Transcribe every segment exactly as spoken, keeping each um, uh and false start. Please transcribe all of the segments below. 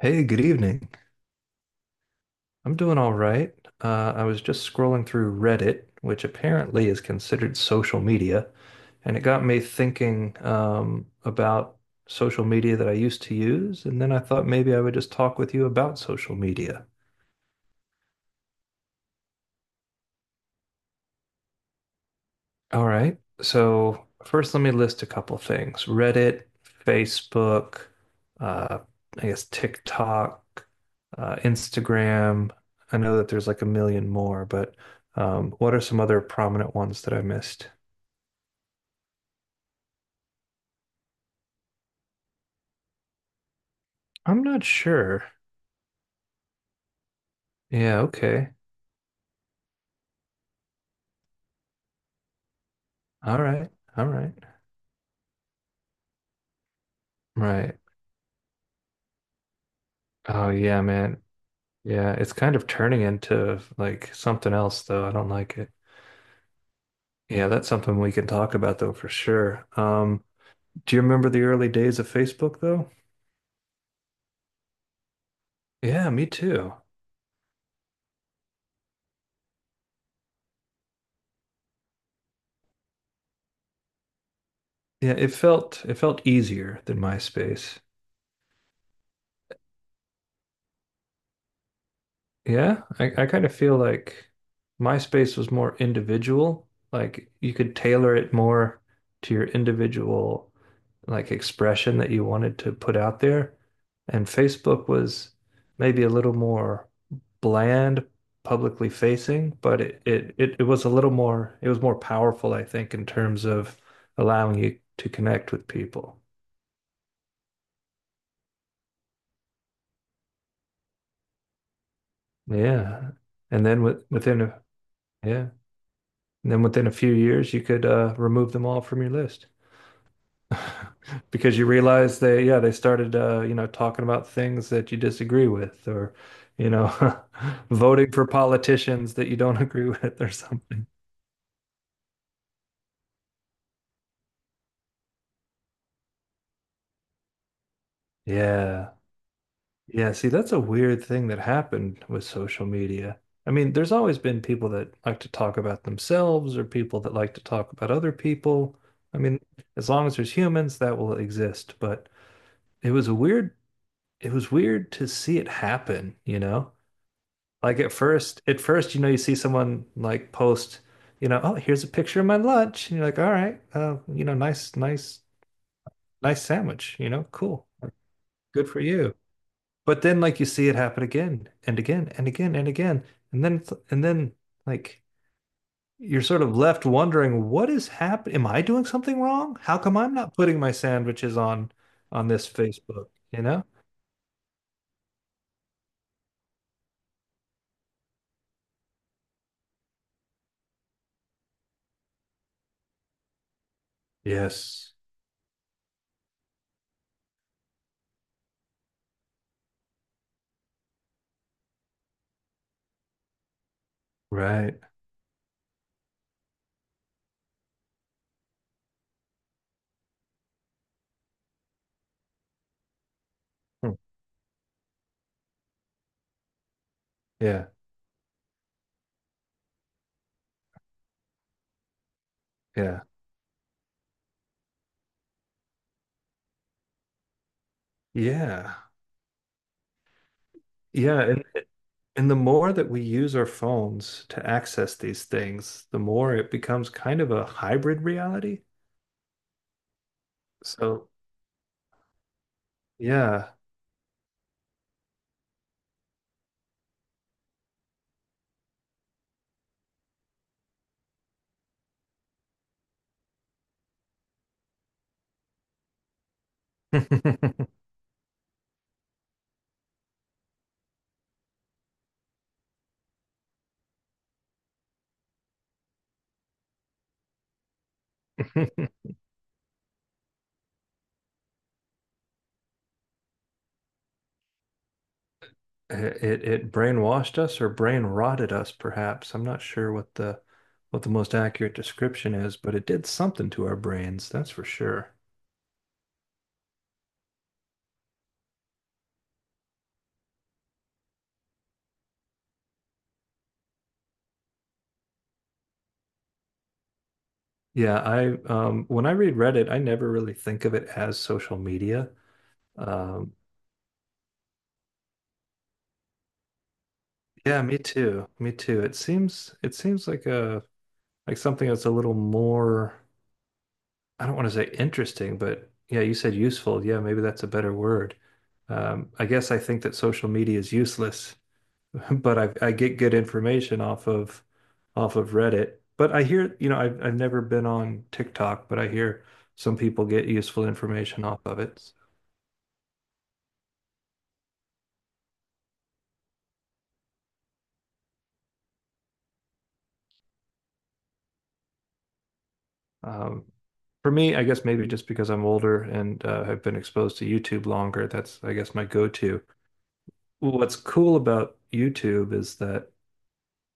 Hey, good evening. I'm doing all right. Uh, I was just scrolling through Reddit, which apparently is considered social media, and it got me thinking um, about social media that I used to use, and then I thought maybe I would just talk with you about social media. All right. So first, let me list a couple things: Reddit, Facebook, uh, I guess TikTok, uh, Instagram. I know that there's like a million more, but um, what are some other prominent ones that I missed? I'm not sure. Yeah. Okay. All right. All right. Right. Oh yeah, man. Yeah, it's kind of turning into like something else, though. I don't like it. Yeah, that's something we can talk about, though, for sure. Um, do you remember the early days of Facebook though? Yeah, me too. Yeah, it felt it felt easier than MySpace. Yeah, I, I kind of feel like MySpace was more individual. Like you could tailor it more to your individual like expression that you wanted to put out there. And Facebook was maybe a little more bland, publicly facing, but it, it, it, it was a little more, it was more powerful, I think, in terms of allowing you to connect with people. Yeah. And then with, within, a- yeah. And then within a few years, you could uh, remove them all from your list because you realize they, yeah, they started, uh, you know, talking about things that you disagree with or, you know, voting for politicians that you don't agree with or something. Yeah. Yeah. See, that's a weird thing that happened with social media. I mean, there's always been people that like to talk about themselves or people that like to talk about other people. I mean, as long as there's humans, that will exist. But it was a weird it was weird to see it happen, you know? Like at first, at first, you know, you see someone like post, you know, oh, here's a picture of my lunch. And you're like, all right, uh, you know, nice, nice, nice sandwich, you know, cool. Like, good for you. But then like you see it happen again and again and again and again. And then and then like you're sort of left wondering, what is happening? Am I doing something wrong? How come I'm not putting my sandwiches on on this Facebook, you know? Yes. Right. Hmm. Yeah. Yeah. Yeah. Yeah. And and the more that we use our phones to access these things, the more it becomes kind of a hybrid reality. So, yeah. It, it it brainwashed us or brain rotted us, perhaps. I'm not sure what the what the most accurate description is, but it did something to our brains, that's for sure. Yeah, I um when I read Reddit, I never really think of it as social media. Um, Yeah, me too. Me too. It seems it seems like a like something that's a little more, I don't want to say interesting, but yeah, you said useful. Yeah, maybe that's a better word. Um, I guess I think that social media is useless, but I I get good information off of off of Reddit. But I hear, you know, I've I've never been on TikTok, but I hear some people get useful information off of it. Um, for me, I guess maybe just because I'm older and uh, have been exposed to YouTube longer, that's I guess my go-to. Well, what's cool about YouTube is that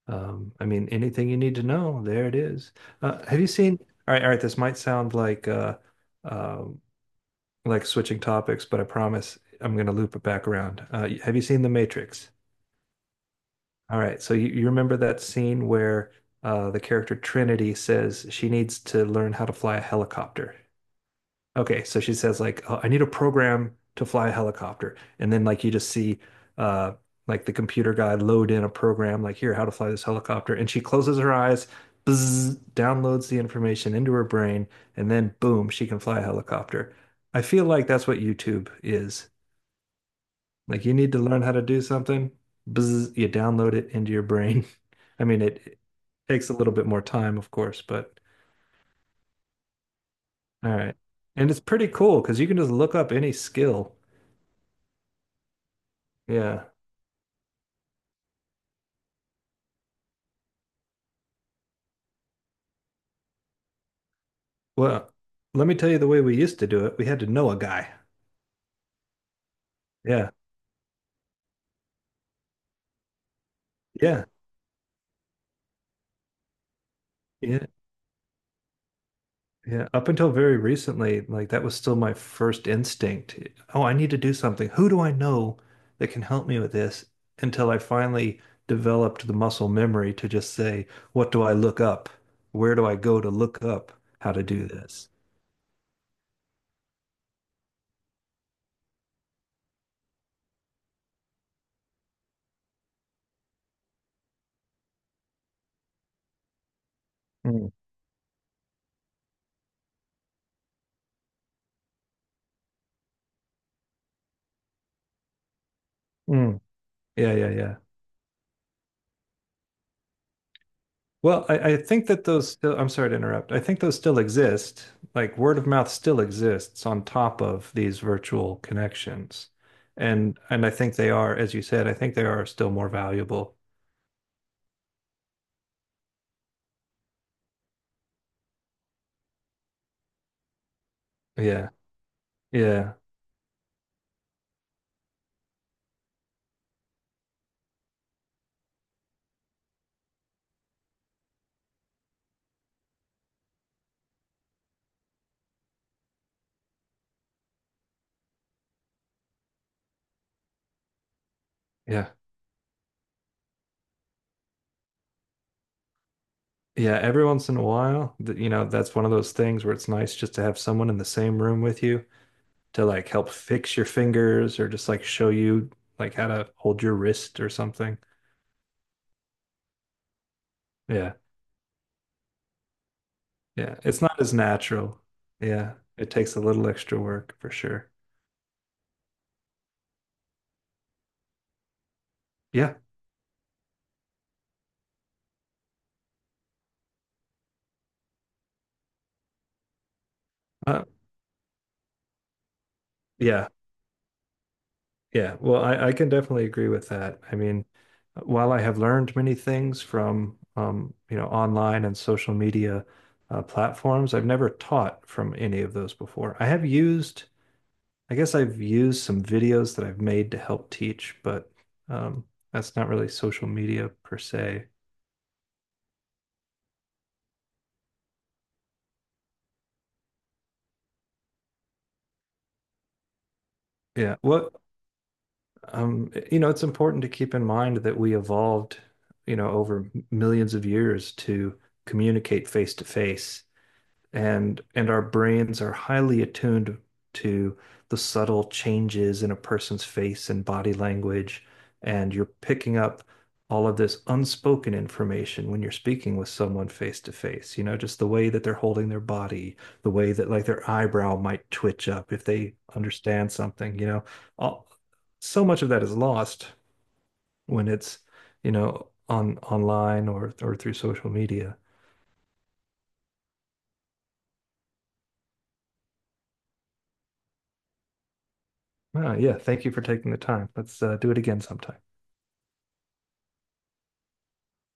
um, I mean anything you need to know, there it is. Uh, have you seen? All right, all right. This might sound like uh, um like switching topics, but I promise I'm going to loop it back around. Uh, have you seen The Matrix? All right, so you, you remember that scene where uh, the character Trinity says she needs to learn how to fly a helicopter. Okay, so she says like, "Oh, I need a program to fly a helicopter," and then like you just see, uh, like the computer guy load in a program like here how to fly this helicopter, and she closes her eyes, bzzz, downloads the information into her brain, and then boom, she can fly a helicopter. I feel like that's what YouTube is. Like you need to learn how to do something, bzzz, you download it into your brain. I mean, it, it takes a little bit more time, of course, but all right, and it's pretty cool because you can just look up any skill. Yeah. Well, let me tell you the way we used to do it. We had to know a guy. Yeah. Yeah. Yeah. Yeah. Up until very recently, like that was still my first instinct. Oh, I need to do something. Who do I know that can help me with this? Until I finally developed the muscle memory to just say, what do I look up? Where do I go to look up how to do this? Mm. Mm. Yeah. Yeah. Yeah. Well, I, I think that those still, I'm sorry to interrupt. I think those still exist. Like word of mouth still exists on top of these virtual connections. And and I think they are, as you said, I think they are still more valuable. Yeah. Yeah. Yeah. Yeah. Every once in a while, th- you know, that's one of those things where it's nice just to have someone in the same room with you to like help fix your fingers or just like show you like how to hold your wrist or something. Yeah. Yeah, it's not as natural. Yeah, it takes a little extra work for sure. Yeah. Uh, yeah. Yeah. Well, I, I can definitely agree with that. I mean, while I have learned many things from um, you know, online and social media uh, platforms, I've never taught from any of those before. I have used, I guess I've used some videos that I've made to help teach, but um, that's not really social media per se. Yeah. What um, you know, it's important to keep in mind that we evolved, you know, over millions of years to communicate face to face, and and our brains are highly attuned to the subtle changes in a person's face and body language, and you're picking up all of this unspoken information when you're speaking with someone face to face, you know, just the way that they're holding their body, the way that like their eyebrow might twitch up if they understand something, you know, all, so much of that is lost when it's, you know, on online or or through social media. Oh, yeah. Thank you for taking the time. Let's uh, do it again sometime.